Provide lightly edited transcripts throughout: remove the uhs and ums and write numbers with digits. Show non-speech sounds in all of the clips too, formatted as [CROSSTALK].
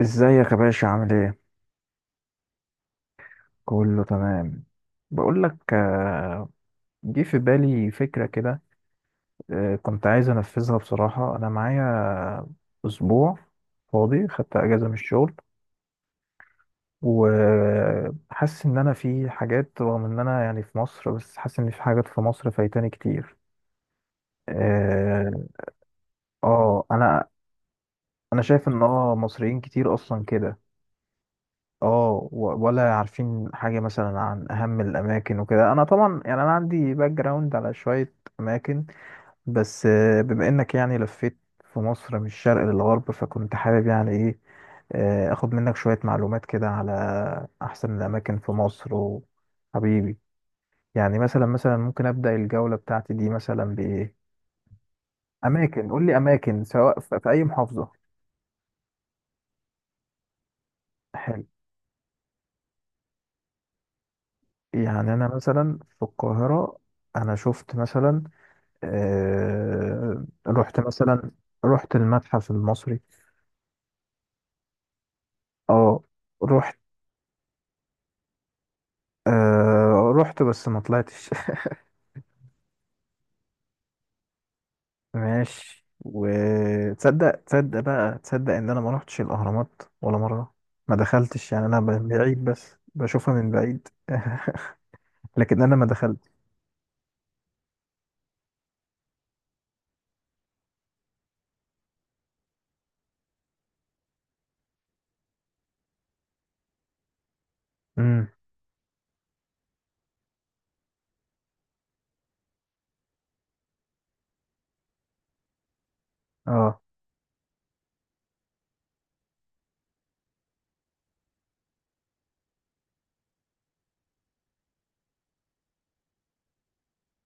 ازيك يا باشا، عامل ايه؟ كله تمام. بقول لك، آه، جه في بالي فكرة كده. كنت عايز انفذها، بصراحة انا معايا اسبوع فاضي، خدت اجازة من الشغل، وحاسس ان انا في حاجات، رغم ان انا يعني في مصر، بس حاسس ان في حاجات في مصر فايتاني كتير. اه. آه، انا انا شايف ان مصريين كتير اصلا كده. اه. ولا عارفين حاجة مثلا عن أهم الأماكن وكده. أنا طبعا، يعني أنا عندي باك جراوند على شوية أماكن، بس بما إنك يعني لفيت في مصر من الشرق للغرب، فكنت حابب يعني إيه، آخد منك شوية معلومات كده على أحسن الأماكن في مصر، وحبيبي. يعني مثلا ممكن أبدأ الجولة بتاعتي دي مثلا بإيه؟ أماكن، قول لي أماكن، سواء في أي محافظة. حلو. يعني أنا مثلا في القاهرة، أنا شفت مثلا، رحت مثلا، رحت المتحف المصري. اه. رحت رحت بس ما طلعتش [LAUGHS] ماشي. وتصدق بقى، تصدق ان انا ما رحتش الاهرامات ولا مره، ما دخلتش يعني، انا من بعيد بس بشوفها من بعيد [LAUGHS] لكن انا ما دخلت. امم. اه.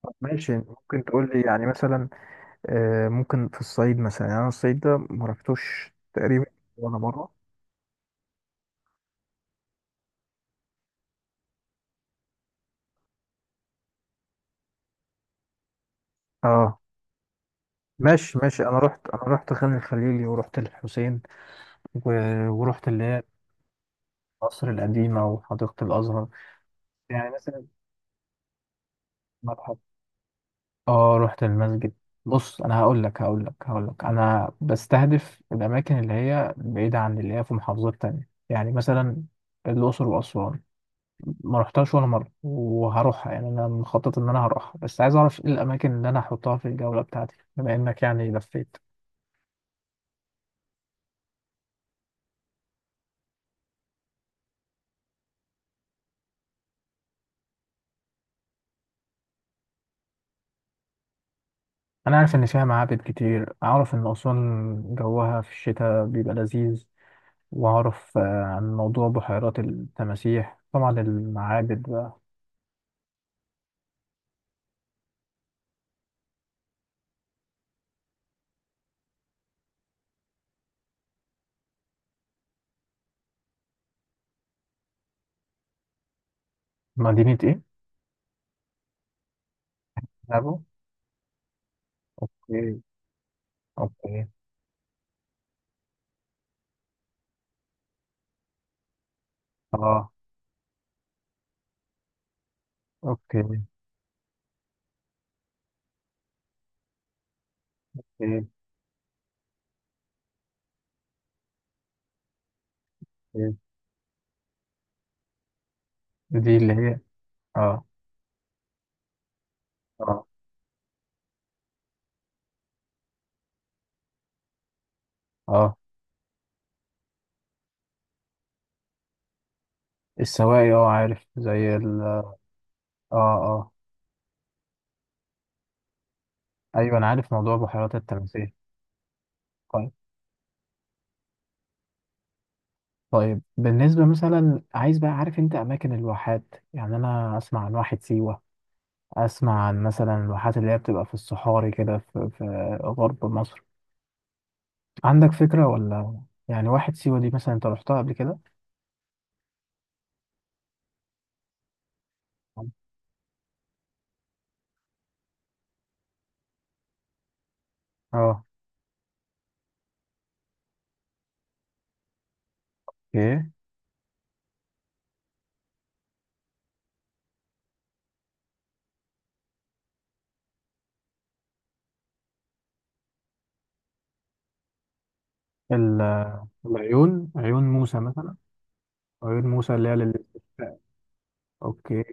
طب ماشي، ممكن تقول لي يعني مثلا، ممكن في الصعيد مثلا، يعني انا الصعيد ده ما رحتوش تقريبا ولا مره. اه. ماشي ماشي، انا رحت خان الخليلي، ورحت الحسين، و... ورحت اللي هي مصر القديمه وحديقه الازهر. يعني مثلا متحف. اه، رحت المسجد. بص، انا هقول لك انا بستهدف الاماكن اللي هي بعيده، عن اللي هي في محافظات تانية، يعني مثلا الاقصر واسوان ما رحتهاش ولا مره، وهروحها. يعني انا مخطط ان انا هروحها، بس عايز اعرف ايه الاماكن اللي انا هحطها في الجوله بتاعتي، بما انك يعني لفيت. أنا عارف إن فيها معابد كتير، أعرف إن أسوان جوها في الشتاء بيبقى لذيذ، وأعرف عن موضوع بحيرات التماسيح، طبعا المعابد بقى. مدينة إيه؟ أبو؟ أوكي، أوكي، أه، أوكي، أوكي، أوكي. دي اللي هي. أه، أه، أه. السواقي، أه، عارف، زي ال أه أه. أيوه، أنا عارف موضوع بحيرات التماسيح. طيب، طيب، بالنسبة مثلا، عايز بقى عارف أنت أماكن الواحات. يعني أنا أسمع عن واحة سيوة، اسمع عن مثلا الواحات اللي هي بتبقى في الصحاري كده، في غرب مصر. عندك فكرة، ولا يعني واحد سيوة دي مثلا انت رحتها قبل كده؟ اه. اوكي. ال- عيون موسى مثلا، عيون موسى اللي هي للاستشفاء. اوكي،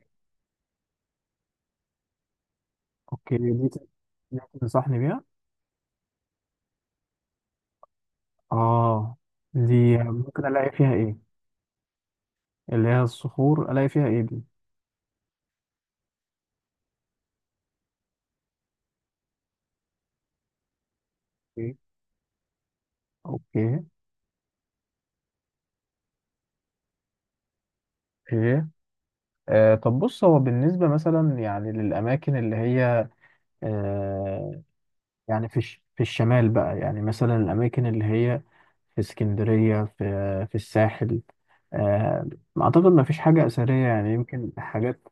اوكي. دي دي تنصحني بيها؟ اه. دي ممكن الاقي فيها ايه؟ اللي هي الصخور، الاقي فيها ايه دي؟ اوكي، اوكي. ايه؟ طب بص، هو بالنسبة مثلا، يعني للأماكن اللي هي، آه، يعني في الشمال بقى، يعني مثلا الأماكن اللي هي في اسكندرية، في الساحل، آه، أعتقد ما فيش حاجة أثرية، يعني يمكن حاجات.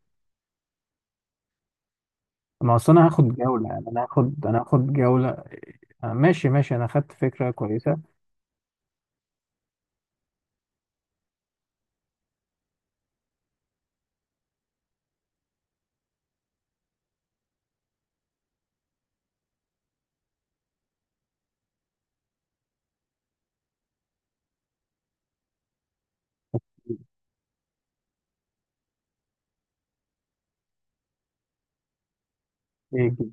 ما أصل أنا هاخد جولة، يعني أنا هاخد جولة. ماشي ماشي، أنا خدت فكرة كويسة. إيه؟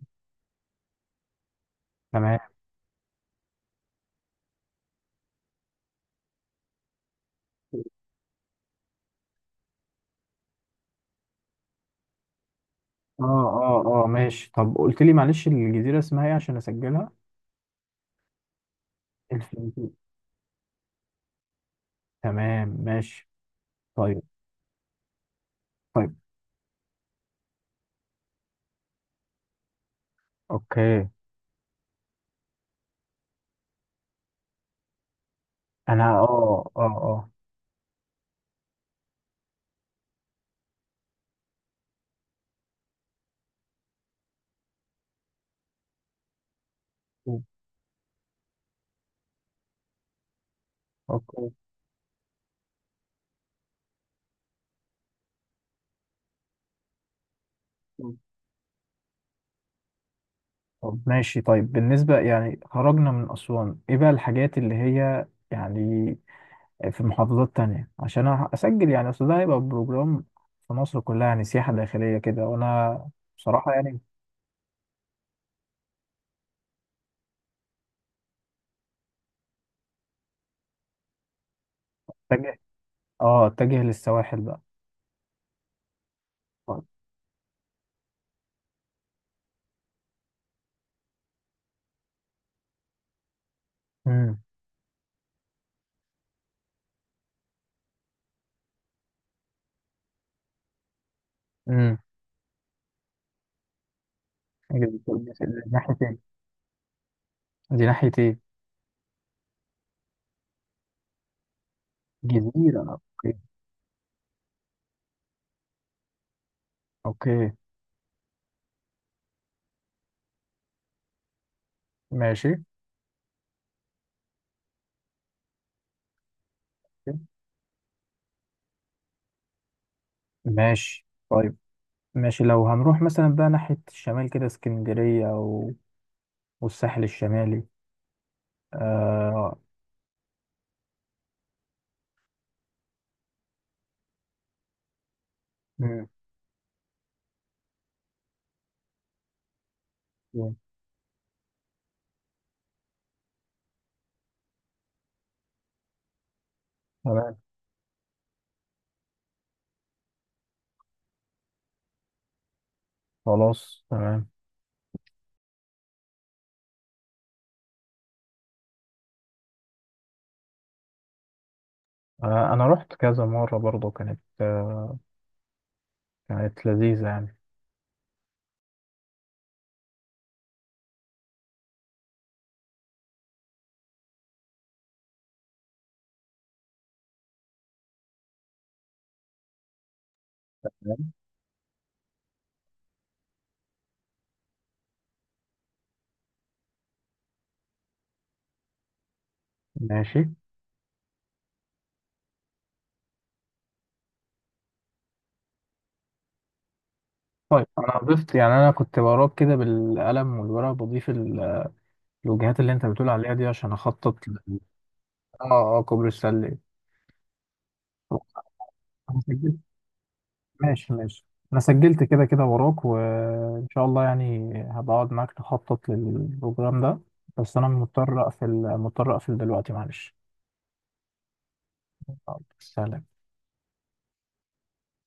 تمام. أه، أه، أه. ماشي، طب قلت لي معلش، الجزيرة اسمها إيه عشان أسجلها؟ الفلبين. تمام، ماشي. طيب، طيب، أوكي. أنا أه أه أه أوكي. طب ماشي، طيب بالنسبة يعني خرجنا من أسوان، إيه بقى الحاجات اللي هي، يعني في محافظات تانية، عشان أنا أسجل يعني، أصل ده هيبقى بروجرام في مصر كلها، يعني سياحة داخلية كده، وأنا بصراحة يعني، أتجه أتجه للسواحل بقى. طيب. أمم. أمم. ناحية إيه؟ دي ناحية إيه؟ جزيرة. أوكي. أوكي، ماشي ماشي، طيب، ماشي، لو هنروح مثلا بقى ناحية الشمال كده، اسكندرية والساحل الشمالي آه. مم. مم. تمام. خلاص تمام. آه. أنا رحت كذا مرة برضو، كانت آه. كانت لذيذة يعني. تمام. ماشي، طيب، أنا ضفت يعني، أنا كنت وراك كده بالقلم والورقة، بضيف الوجهات اللي أنت بتقول عليها دي، عشان أخطط. آه، آه، كوبري السلة. أنا سجلت، ماشي ماشي، أنا سجلت كده كده وراك، وإن شاء الله يعني هبقعد معاك نخطط للبروجرام ده. بس أنا مضطر أقفل، مضطر أقفل دلوقتي، معلش. سلام.